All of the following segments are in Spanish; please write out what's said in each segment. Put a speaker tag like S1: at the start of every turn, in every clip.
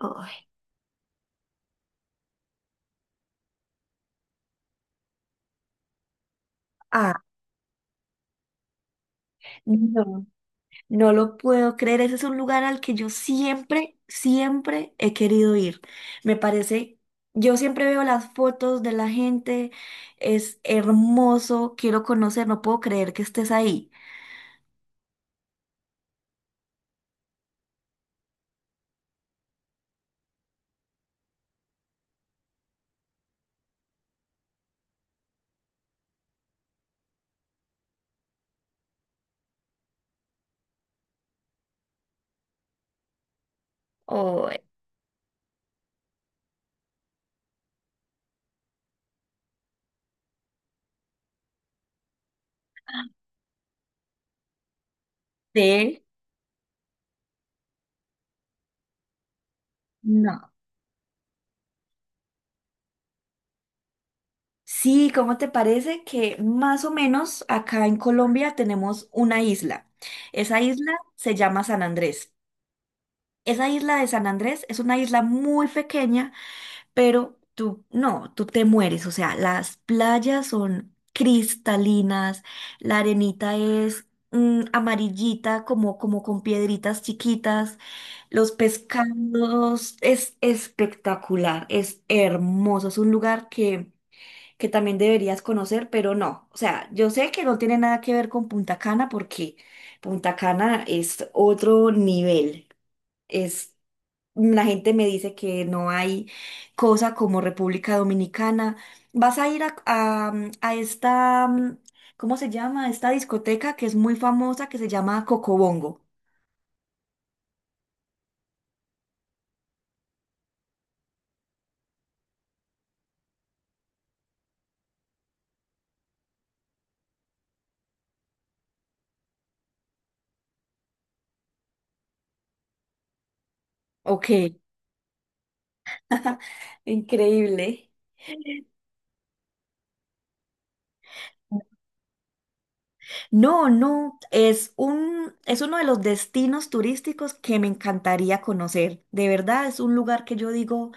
S1: Ay, ah, no, no lo puedo creer. Ese es un lugar al que yo siempre, siempre he querido ir. Me parece, yo siempre veo las fotos de la gente, es hermoso, quiero conocer, no puedo creer que estés ahí. Oh, sí, no. Sí, ¿cómo te parece que más o menos acá en Colombia tenemos una isla? Esa isla se llama San Andrés. Esa isla de San Andrés es una isla muy pequeña pero tú, no, tú te mueres, o sea, las playas son cristalinas, la arenita es amarillita, como con piedritas chiquitas, los pescados, es espectacular, es hermoso, es un lugar que también deberías conocer, pero no, o sea, yo sé que no tiene nada que ver con Punta Cana porque Punta Cana es otro nivel. Es la gente me dice que no hay cosa como República Dominicana. Vas a ir a esta, ¿cómo se llama? Esta discoteca que es muy famosa que se llama Cocobongo. Ok, increíble. No, no, es uno de los destinos turísticos que me encantaría conocer. De verdad, es un lugar que yo digo.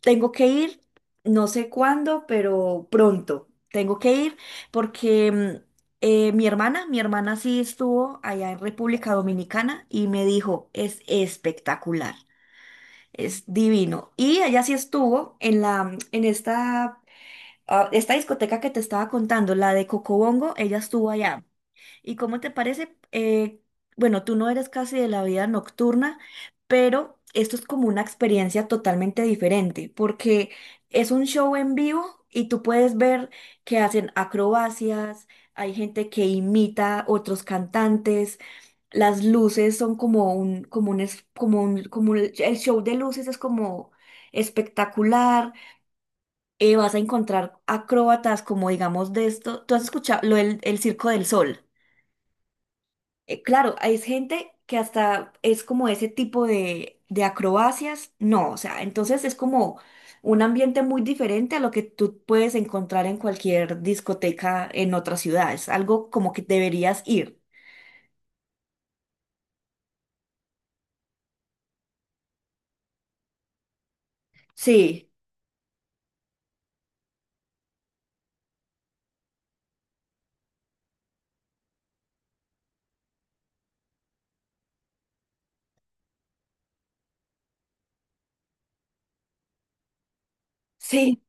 S1: Tengo que ir, no sé cuándo, pero pronto. Tengo que ir porque mi hermana sí estuvo allá en República Dominicana y me dijo, es espectacular, es divino. Y ella sí estuvo en esta discoteca que te estaba contando, la de Cocobongo, ella estuvo allá. ¿Y cómo te parece? Bueno, tú no eres casi de la vida nocturna, pero esto es como una experiencia totalmente diferente, porque es un show en vivo y tú puedes ver que hacen acrobacias, hay gente que imita otros cantantes, las luces son como un, es- como un, como el show de luces es como espectacular, vas a encontrar acróbatas como digamos de esto, tú has escuchado lo del el Circo del Sol. Claro, hay gente que hasta es como ese tipo de acrobacias. No, o sea, entonces es como un ambiente muy diferente a lo que tú puedes encontrar en cualquier discoteca en otra ciudad. Es algo como que deberías ir. Sí, sí.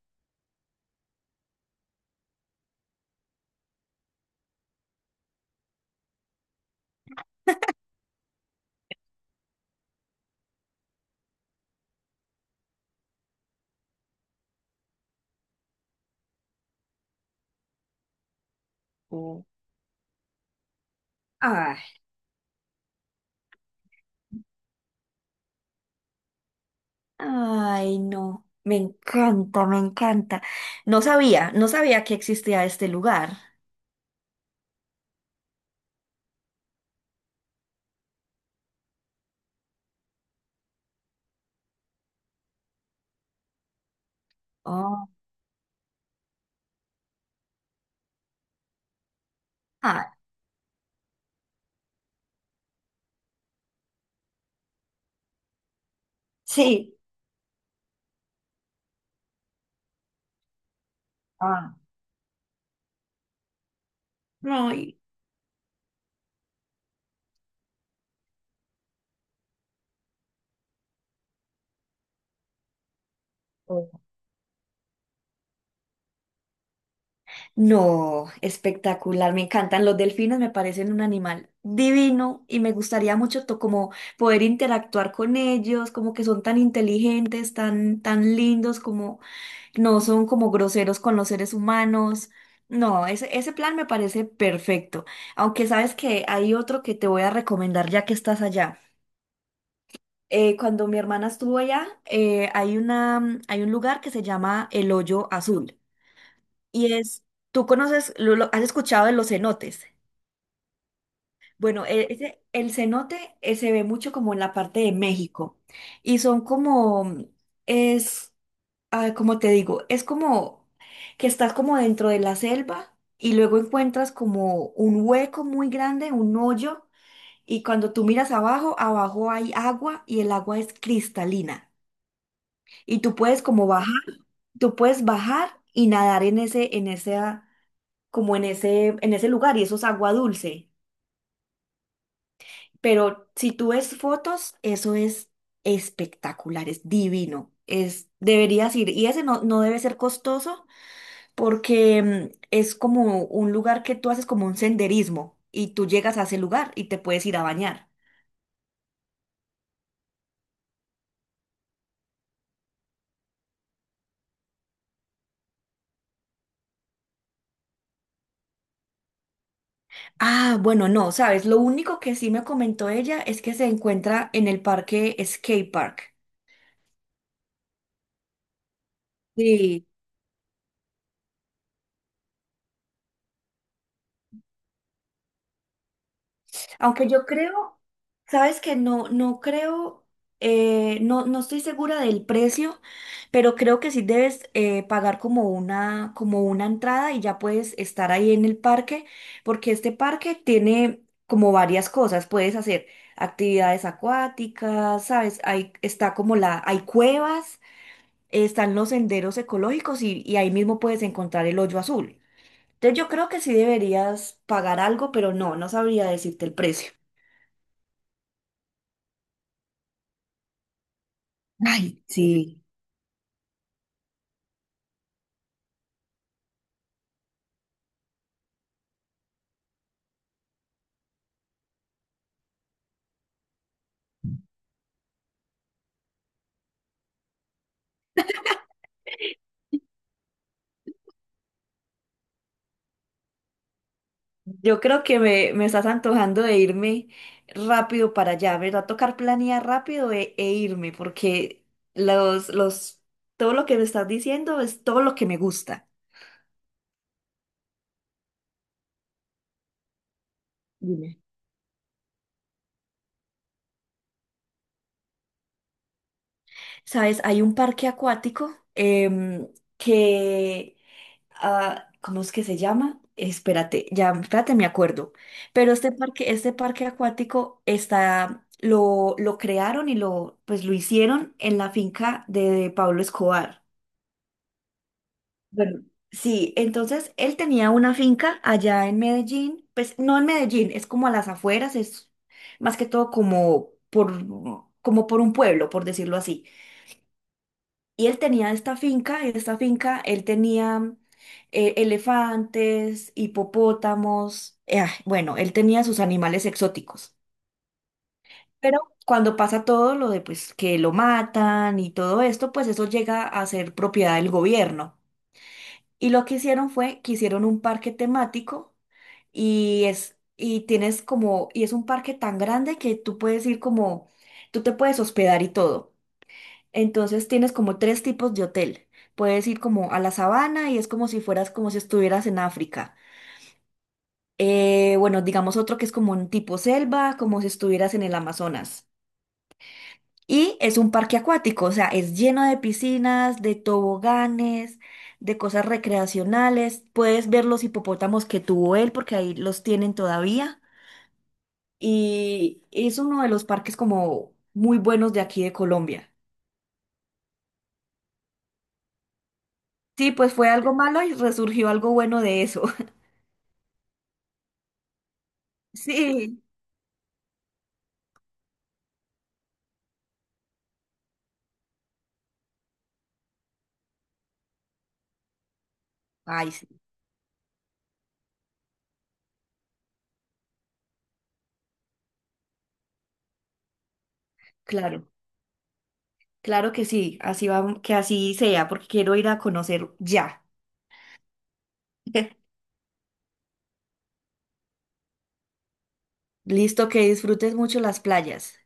S1: Mm. Ay, ay, no. Me encanta, me encanta. No sabía, no sabía que existía este lugar. Oh, ah, sí. Ah. No, no, espectacular, me encantan. Los delfines me parecen un animal divino y me gustaría mucho como poder interactuar con ellos, como que son tan inteligentes, tan, tan lindos, como no son como groseros con los seres humanos. No, ese plan me parece perfecto. Aunque sabes que hay otro que te voy a recomendar ya que estás allá. Cuando mi hermana estuvo allá, hay un lugar que se llama El Hoyo Azul. Y es, tú conoces, has escuchado de los cenotes. Bueno, el cenote se ve mucho como en la parte de México. Y son es, como te digo, es como que estás como dentro de la selva y luego encuentras como un hueco muy grande, un hoyo. Y cuando tú miras abajo, abajo hay agua y el agua es cristalina. Y tú puedes como bajar, tú puedes bajar y nadar en ese como en ese lugar y eso es agua dulce. Pero si tú ves fotos, eso es espectacular, es divino. Deberías ir. Y ese no, no debe ser costoso porque es como un lugar que tú haces como un senderismo y tú llegas a ese lugar y te puedes ir a bañar. Ah, bueno, no, sabes, lo único que sí me comentó ella es que se encuentra en el parque Skate Park. Sí. Aunque yo creo, sabes que no, no creo, no, no estoy segura del precio, pero creo que sí debes pagar como una entrada y ya puedes estar ahí en el parque, porque este parque tiene como varias cosas. Puedes hacer actividades acuáticas, sabes, ahí está hay cuevas, están los senderos ecológicos y ahí mismo puedes encontrar el hoyo azul. Entonces yo creo que sí deberías pagar algo, pero no, no sabría decirte el precio. Ay, sí. Yo creo que me estás antojando de irme rápido para allá. Me va a tocar planear rápido e irme, porque los, los, todo lo que me estás diciendo es todo lo que me gusta. Dime. ¿Sabes? Hay un parque acuático que ¿cómo es que se llama? Espérate, ya, espérate, me acuerdo. Pero este parque acuático lo crearon y pues lo hicieron en la finca de Pablo Escobar. Bueno, sí, entonces él tenía una finca allá en Medellín, pues no en Medellín, es como a las afueras, es más que todo como por, un pueblo, por decirlo así. Y él tenía esta finca, y en esta finca él tenía elefantes, hipopótamos, bueno, él tenía sus animales exóticos. Pero cuando pasa todo lo de pues que lo matan y todo esto, pues eso llega a ser propiedad del gobierno. Y lo que hicieron fue que hicieron un parque temático y es y tienes como y es un parque tan grande que tú te puedes hospedar y todo. Entonces tienes como tres tipos de hotel. Puedes ir como a la sabana y es como si estuvieras en África. Bueno, digamos otro que es como un tipo selva, como si estuvieras en el Amazonas. Y es un parque acuático, o sea, es lleno de piscinas, de toboganes, de cosas recreacionales. Puedes ver los hipopótamos que tuvo él, porque ahí los tienen todavía. Y es uno de los parques como muy buenos de aquí de Colombia. Sí, pues fue algo malo y resurgió algo bueno de eso. Sí. Ay, sí, claro, claro que sí, así va, que así sea, porque quiero ir a conocer ya. Listo, que disfrutes mucho las playas.